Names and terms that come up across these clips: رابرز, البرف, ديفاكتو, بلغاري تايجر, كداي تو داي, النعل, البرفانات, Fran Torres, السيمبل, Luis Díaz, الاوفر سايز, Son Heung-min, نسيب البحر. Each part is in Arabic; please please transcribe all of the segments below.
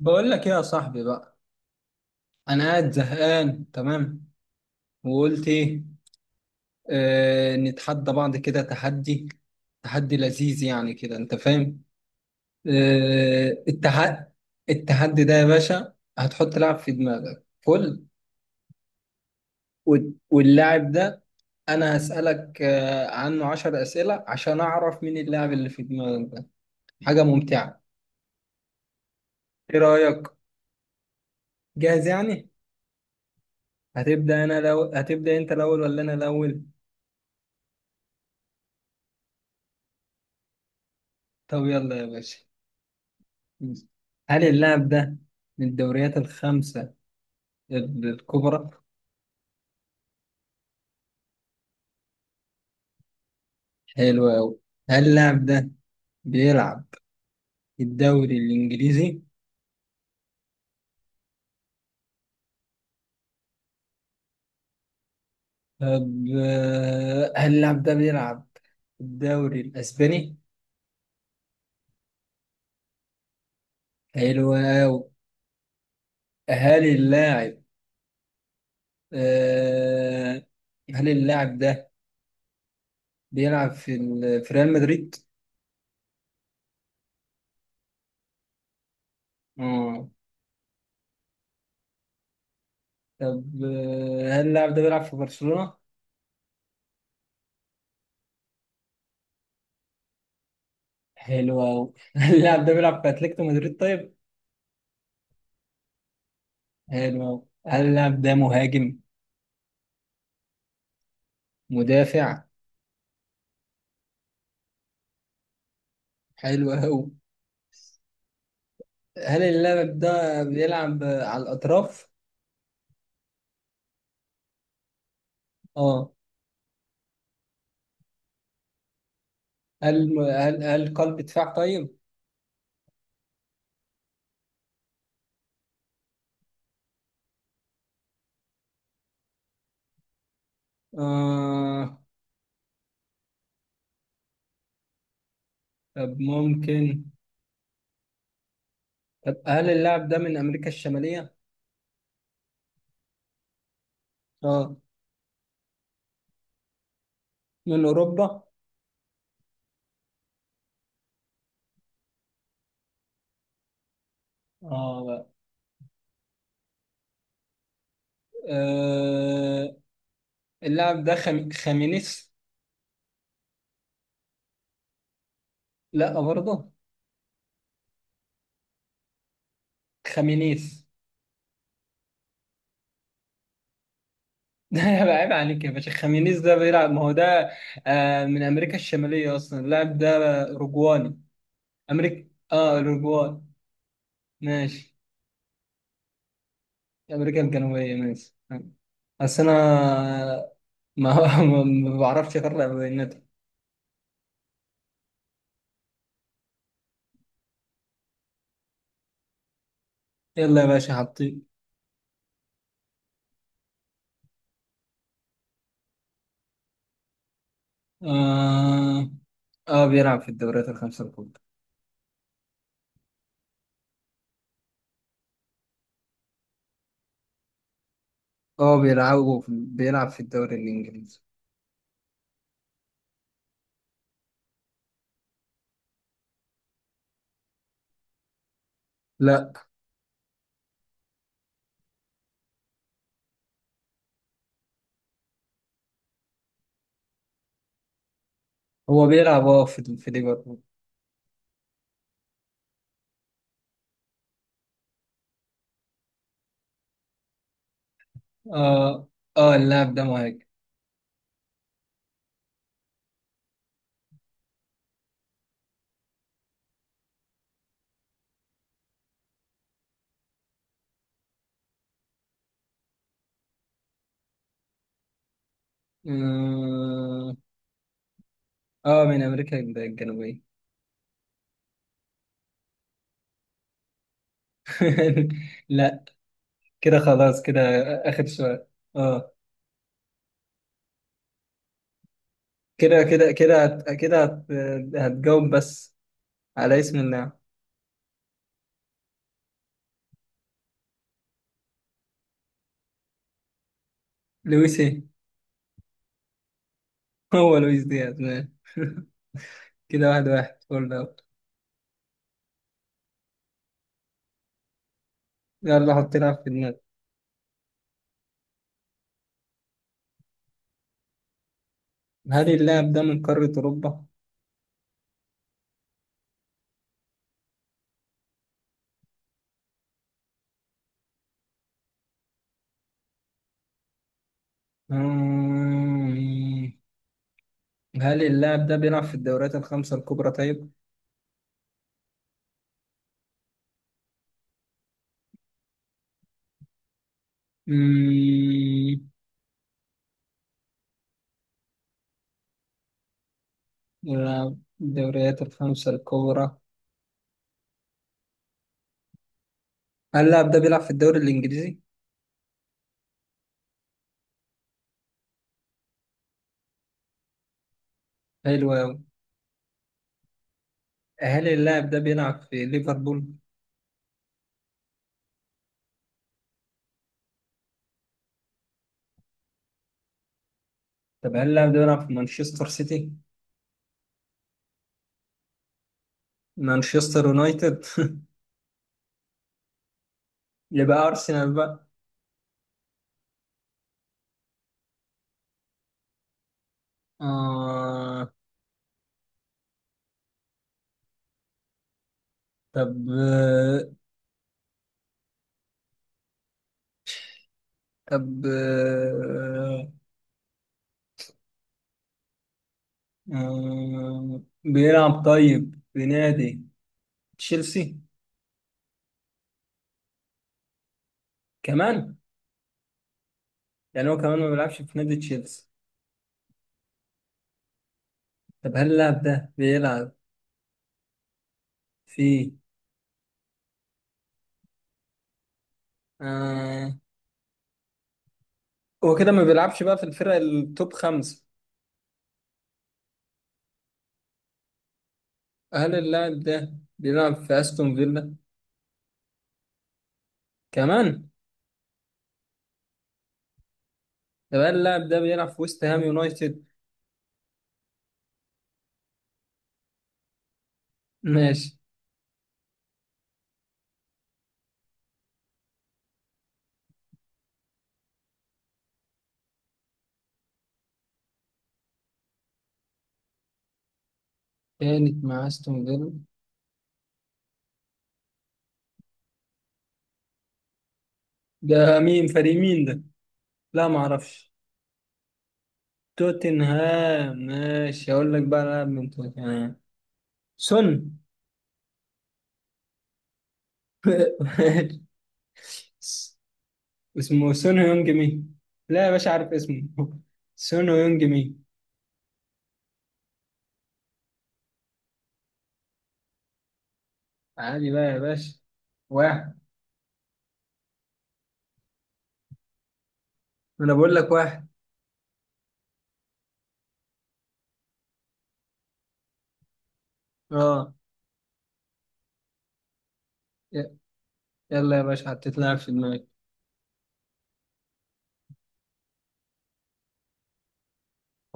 بقول لك ايه يا صاحبي بقى. انا قاعد زهقان تمام. وقلت ايه؟ نتحدى بعض كده تحدي. تحدي لذيذ يعني كده انت فاهم. التحدي. التحدي ده يا باشا هتحط لاعب في دماغك فل. واللاعب ده، انا هسألك عنه 10 أسئلة عشان اعرف مين اللاعب اللي في دماغك ده. حاجة ممتعة. ايه رأيك؟ جاهز يعني؟ هتبدأ انا لو هتبدأ انت الاول ولا انا الاول؟ طب يلا يا باشا. هل اللاعب ده من الدوريات الخمسة الكبرى؟ حلو أوي. هل اللاعب ده بيلعب في الدوري الإنجليزي؟ طب هل اللاعب ده بيلعب في الدوري الأسباني؟ حلو أوي. هل اللاعب آه، هل اللاعب ده بيلعب في في ريال مدريد؟ آه. طب هل اللاعب ده بيلعب في برشلونة؟ حلو أوي. هل اللاعب ده بيلعب في أتلتيكو مدريد طيب؟ حلو أوي. هل اللاعب ده مهاجم؟ مدافع؟ حلو أوي. هل اللاعب ده بيلعب على الأطراف؟ اه. هل قلب دفاع طيب؟ آه. طب ممكن. طب هل اللاعب ده من أمريكا الشمالية؟ اه. من أوروبا؟ اه بقى. آه اللاعب ده خامينيس. لا برضه. خامينيس. ده يبقى عيب عليك يا باشا. خامينيس ده بيلعب، ما هو ده من أمريكا الشمالية أصلا. اللاعب ده أوروجواني. امريكا، الاوروغواي ماشي. امريكا الجنوبيه ماشي. بس انا ما ما بعرفش اقرا بياناتي. يلا يا باشا حطي. اه اه، بيلعب في الدوريات الخمسه الكبرى. اه، بيلعب في الدوري الانجليزي. لا. هو بيلعب في ليفربول. اه. اه اللاعب ده مهاجم. اه، من امريكا الجنوبيه. لا. كده خلاص كده. اخر سؤال. اه. كده هتجاوب بس على اسم اللاعب. لويس ايه؟ هو لويس دياز ماشي. كده واحد واحد فول اوت. يلا حط لعب في دماغك. هل اللاعب ده من قارة أوروبا؟ مم. هل اللاعب ده بيلعب في الدوريات الخمسة الكبرى طيب؟ مم. بيلعب في الدوريات الخمسة الكبرى. هل اللاعب ده بيلعب في الدوري الإنجليزي؟ حلو أوي. هل اللاعب ده بيلعب في ليفربول؟ طب هل اللاعب ده بيلعب في مانشستر سيتي؟ مانشستر يونايتد؟ يبقى أرسنال بقى. آه. طب. طب آه بيلعب طيب في نادي تشيلسي؟ كمان. يعني هو كمان ما بيلعبش في نادي تشيلسي. طب هل اللاعب ده بيلعب في. آه هو كده ما بيلعبش بقى في الفرق التوب خمسة. هل اللاعب ده بيلعب في أستون فيلا؟ كمان. طب هل اللاعب ده بيلعب في ويست هام يونايتد؟ ماشي. كانت مع أستون فيلا. ده مين؟ فريق مين ده؟ لا ما اعرفش. توتنهام. ماشي، اقول لك بقى لاعب من توتنهام. سون. ماشي. اسمه سون هيونج مي. لا يا باشا عارف اسمه سون هيونج مي. عادي بقى يا باشا. واحد. انا بقول لك واحد. اه. ي- يلا يا باشا حطيت لاعب في دماغي.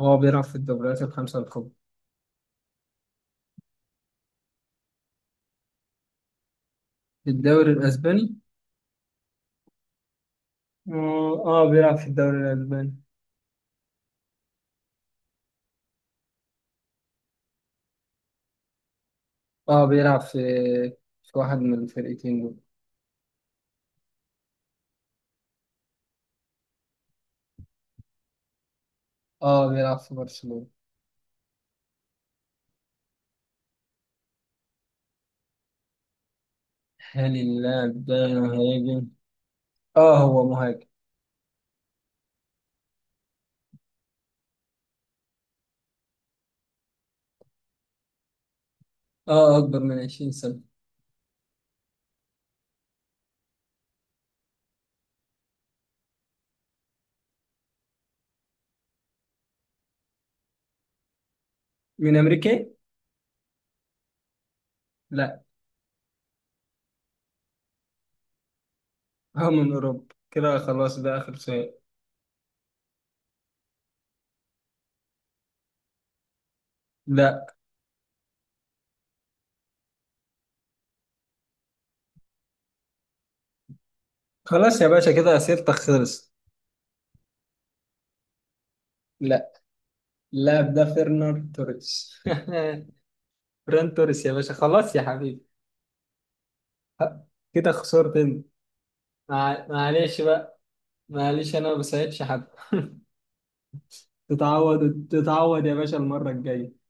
هو بيلعب في الدوريات الخمسة الكبرى. في الدوري الاسباني. بيلعب في الدوري الاسباني. اه، بيلعب في واحد من الفرقتين دول. اه، بيلعب في برشلونة. هل اللاعب ده مهاجم؟ اه هو مهاجم. اه اكبر من 20 سنة. من امريكا؟ لا. هو من اوروبا كده خلاص ده اخر سؤال. لا. خلاص يا باشا كده سيرتك خلصت. لا. اللاعب ده فيرنر توريس. فران توريس يا باشا. خلاص يا حبيبي. كده خسرت انت. معلش بقى. معلش انا ما بساعدش حد. تتعود تتعود يا باشا المرة الجاية.